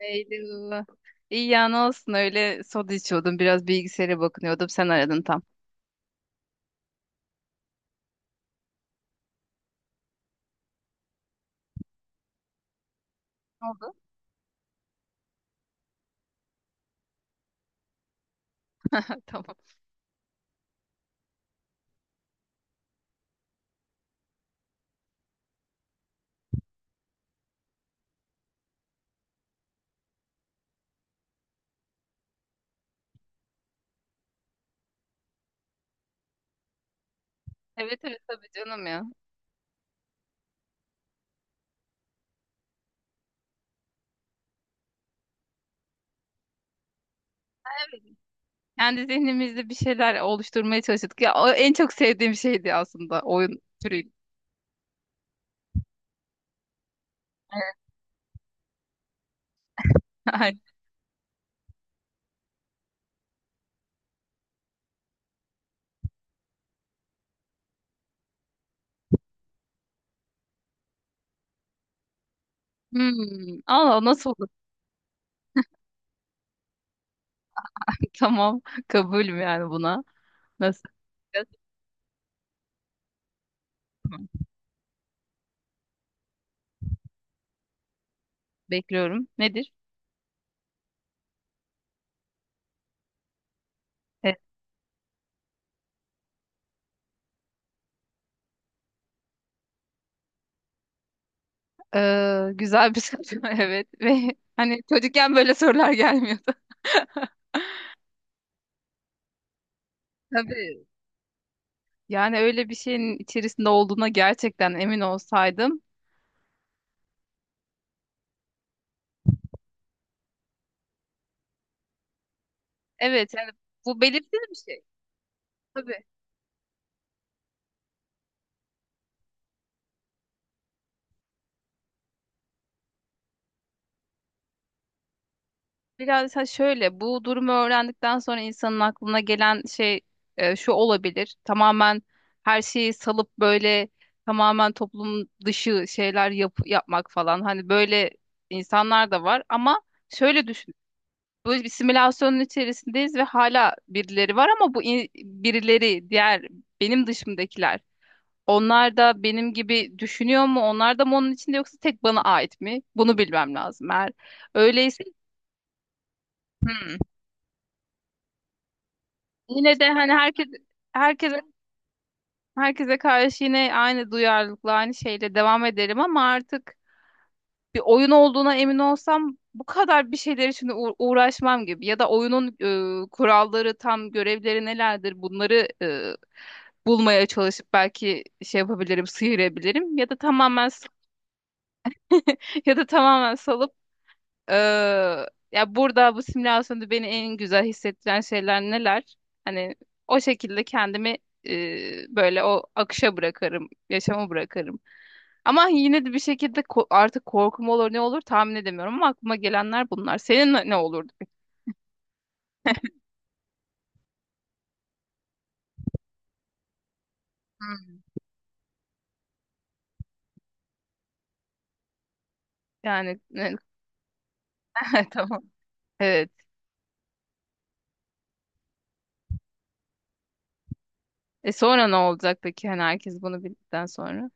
Eylül. İyi ya ne olsun öyle soda içiyordum biraz bilgisayara bakınıyordum sen aradın tam. Ne oldu? Tamam. Evet evet tabii canım ya. Kendi zihnimizde bir şeyler oluşturmaya çalıştık. Ya o en çok sevdiğim şeydi aslında oyun türü. Aynen. Hmm. Allah nasıl olur? Tamam. Kabulüm yani buna. Nasıl? Yapacağız? Tamam. Bekliyorum. Nedir? Evet. Güzel bir soru. Evet. Ve hani çocukken böyle sorular gelmiyordu. Tabii. Yani öyle bir şeyin içerisinde olduğuna gerçekten emin olsaydım. Evet yani bu belirsiz bir şey. Tabii. Biraz ha şöyle bu durumu öğrendikten sonra insanın aklına gelen şey şu olabilir. Tamamen her şeyi salıp böyle tamamen toplum dışı şeyler yapmak falan. Hani böyle insanlar da var ama şöyle düşün. Böyle bir simülasyonun içerisindeyiz ve hala birileri var ama birileri diğer benim dışımdakiler. Onlar da benim gibi düşünüyor mu? Onlar da mı onun içinde yoksa tek bana ait mi? Bunu bilmem lazım. Eğer öyleyse hmm. Yine de hani herkes herkese herkese karşı yine aynı duyarlılıkla aynı şeyle devam ederim ama artık bir oyun olduğuna emin olsam bu kadar bir şeyler için uğraşmam gibi ya da oyunun kuralları tam görevleri nelerdir bunları bulmaya çalışıp belki şey yapabilirim, sıyırabilirim ya da tamamen ya da tamamen salıp Ee, ya burada bu simülasyonda beni en güzel hissettiren şeyler neler? Hani o şekilde kendimi böyle o akışa bırakırım, yaşama bırakırım. Ama yine de bir şekilde artık korkum olur ne olur tahmin edemiyorum ama aklıma gelenler bunlar. Senin ne olurdu peki? Hmm. Yani ne- tamam. Evet. E sonra ne olacak peki? Hani herkes bunu bildikten sonra.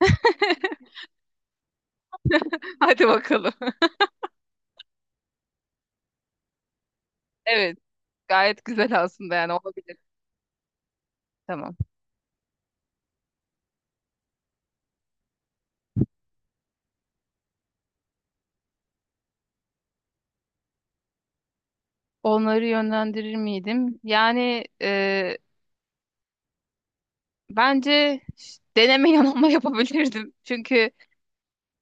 Hadi bakalım. Evet. Gayet güzel aslında yani olabilir. Tamam. Onları yönlendirir miydim? Yani bence deneme yanılma yapabilirdim. Çünkü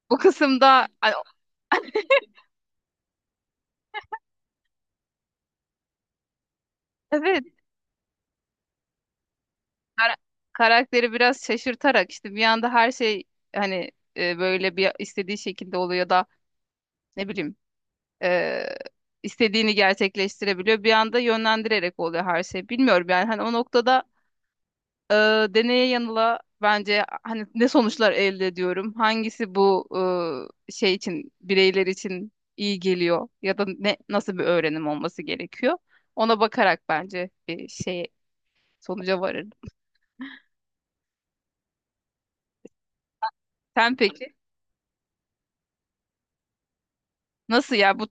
bu kısımda hani, evet kara- karakteri biraz şaşırtarak işte bir anda her şey hani böyle bir istediği şekilde oluyor da ne bileyim e, istediğini gerçekleştirebiliyor. Bir anda yönlendirerek oluyor her şey. Bilmiyorum yani hani o noktada e, deneye yanıla bence hani ne sonuçlar elde ediyorum? Hangisi bu şey için bireyler için iyi geliyor ya da ne nasıl bir öğrenim olması gerekiyor? Ona bakarak bence bir şey sonuca varırım. Sen peki nasıl ya bu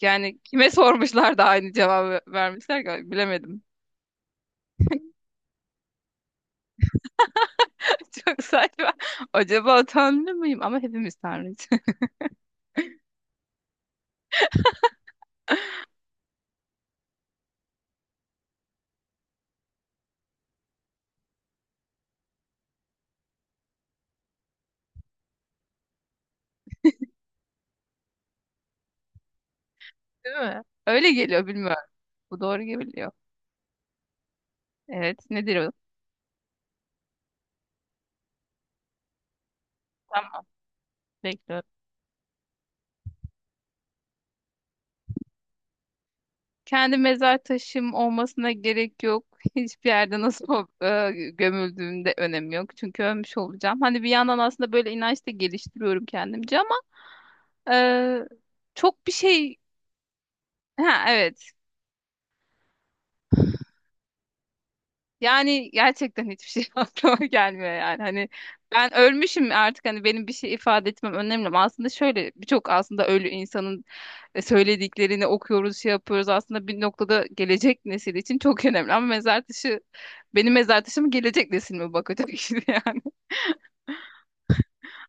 yani kime sormuşlar da aynı cevabı vermişler ki bilemedim. Çok saçma. Acaba tanrı mıyım? Ama hepimiz tanrıyız. Değil mi? Öyle geliyor bilmiyorum. Bu doğru geliyor. Evet nedir o? Tamam bekliyorum. Kendi mezar taşım olmasına gerek yok. Hiçbir yerde nasıl gömüldüğümde önemi yok. Çünkü ölmüş olacağım. Hani bir yandan aslında böyle inanç da geliştiriyorum kendimce ama e, çok bir şey... Ha evet. Yani gerçekten hiçbir şey aklıma gelmiyor yani. Hani ben ölmüşüm artık hani benim bir şey ifade etmem önemli mi? Aslında şöyle birçok aslında ölü insanın söylediklerini okuyoruz, şey yapıyoruz. Aslında bir noktada gelecek nesil için çok önemli. Ama mezar taşı benim mezar taşım gelecek nesil mi bakacak şimdi yani.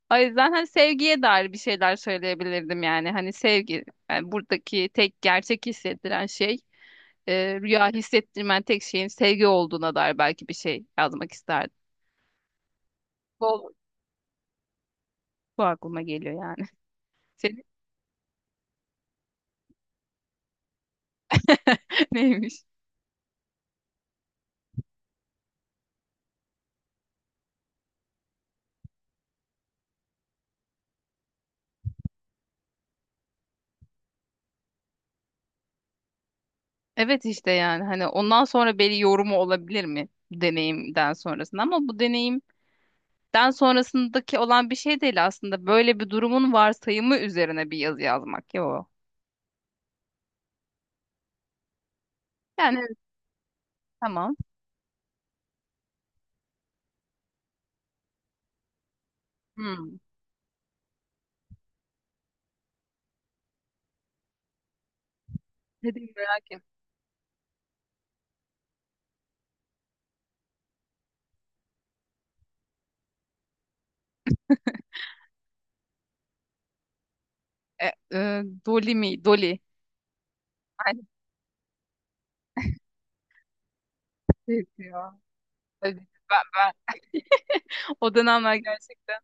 O yüzden hani sevgiye dair bir şeyler söyleyebilirdim yani. Hani sevgi yani buradaki tek gerçek hissettiren şey rüya hissettirmen tek şeyin sevgi olduğuna dair belki bir şey yazmak isterdim. Bu aklıma geliyor yani. Senin neymiş? Evet işte yani hani ondan sonra belli yorumu olabilir mi deneyimden sonrasında ama bu deneyimden sonrasındaki olan bir şey değil aslında. Böyle bir durumun varsayımı üzerine bir yazı yazmak ya o. Yani evet, tamam. Hmm. Dedim merak et. E, Dolly mi? Dolly. Aynı şey diyor. Evet, ben. O dönemler gerçekten.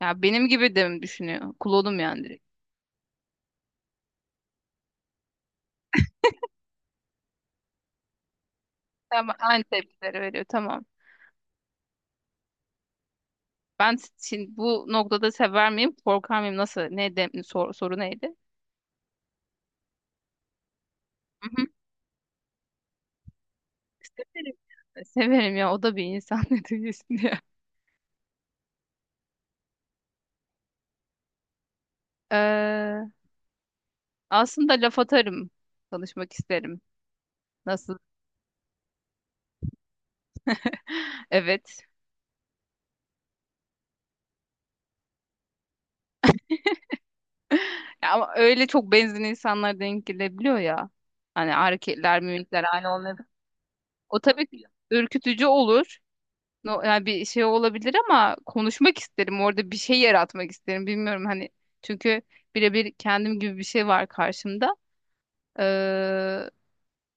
Ya benim gibi de mi düşünüyor? Klonum yani direkt. Tamam, aynı tepkileri veriyor. Tamam. Ben şimdi bu noktada sever miyim, korkar mıyım? Nasıl? Ne de, soru neydi? Mhm. Severim. Severim ya. O da bir insan ne diyorsun ya. Ee, aslında laf atarım. Tanışmak isterim. Nasıl? Evet. Ya ama öyle çok benzer insanlar denk gelebiliyor ya. Hani hareketler, mimikler aynı olmuyor. O tabii ki ürkütücü olur. No, yani bir şey olabilir ama konuşmak isterim. Orada bir şey yaratmak isterim. Bilmiyorum hani çünkü birebir kendim gibi bir şey var karşımda. Ee,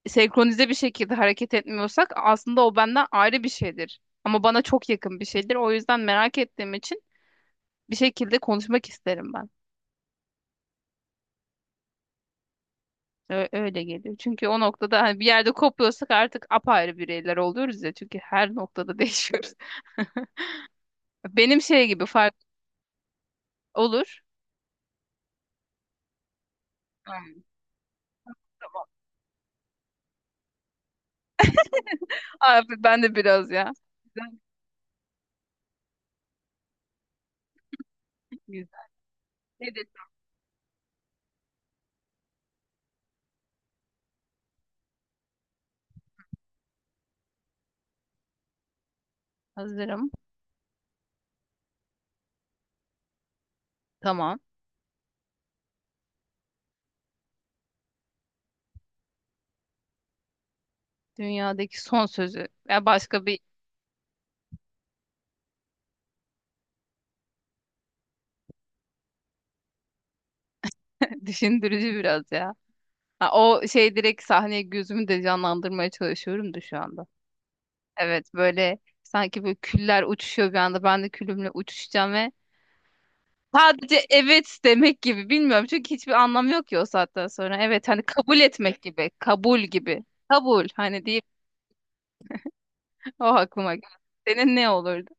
senkronize bir şekilde hareket etmiyorsak aslında o benden ayrı bir şeydir. Ama bana çok yakın bir şeydir. O yüzden merak ettiğim için bir şekilde konuşmak isterim ben. Öyle geliyor. Çünkü o noktada hani bir yerde kopuyorsak artık apayrı bireyler oluyoruz ya. Çünkü her noktada değişiyoruz. Benim şey gibi fark olur. Aynen. Abi ben de biraz ya. Güzel, güzel. Evet. Hazırım. Tamam. Dünyadaki son sözü. Ya başka bir düşündürücü biraz ya. Ha, o şey direkt sahneye gözümü de canlandırmaya çalışıyorum da şu anda. Evet böyle sanki böyle küller uçuşuyor bir anda. Ben de külümle uçuşacağım ve sadece evet demek gibi. Bilmiyorum çünkü hiçbir anlamı yok ki o saatten sonra. Evet hani kabul etmek gibi. Kabul gibi. Kabul hani deyip o aklıma geldi. Senin ne olurdu?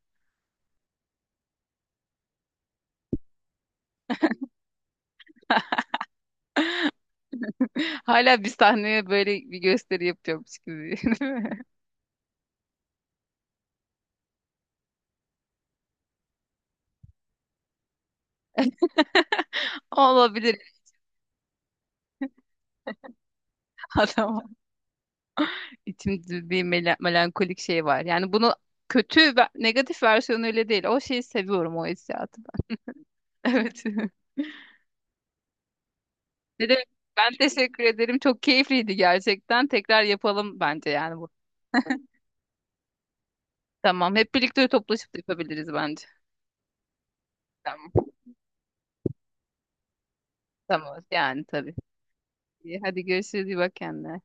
Hala bir sahneye böyle bir gösteri yapıyormuş gibi. Değil mi? Olabilir. Adam İçimde bir melankolik şey var. Yani bunu kötü ve negatif versiyonuyla değil. O şeyi seviyorum o hissiyatı. Evet. Ne demek? Ben teşekkür ederim. Çok keyifliydi gerçekten. Tekrar yapalım bence yani bu. Tamam. Hep birlikte toplaşıp da yapabiliriz bence. Tamam. Tamam. Yani tabii. İyi, hadi görüşürüz. İyi bak kendine.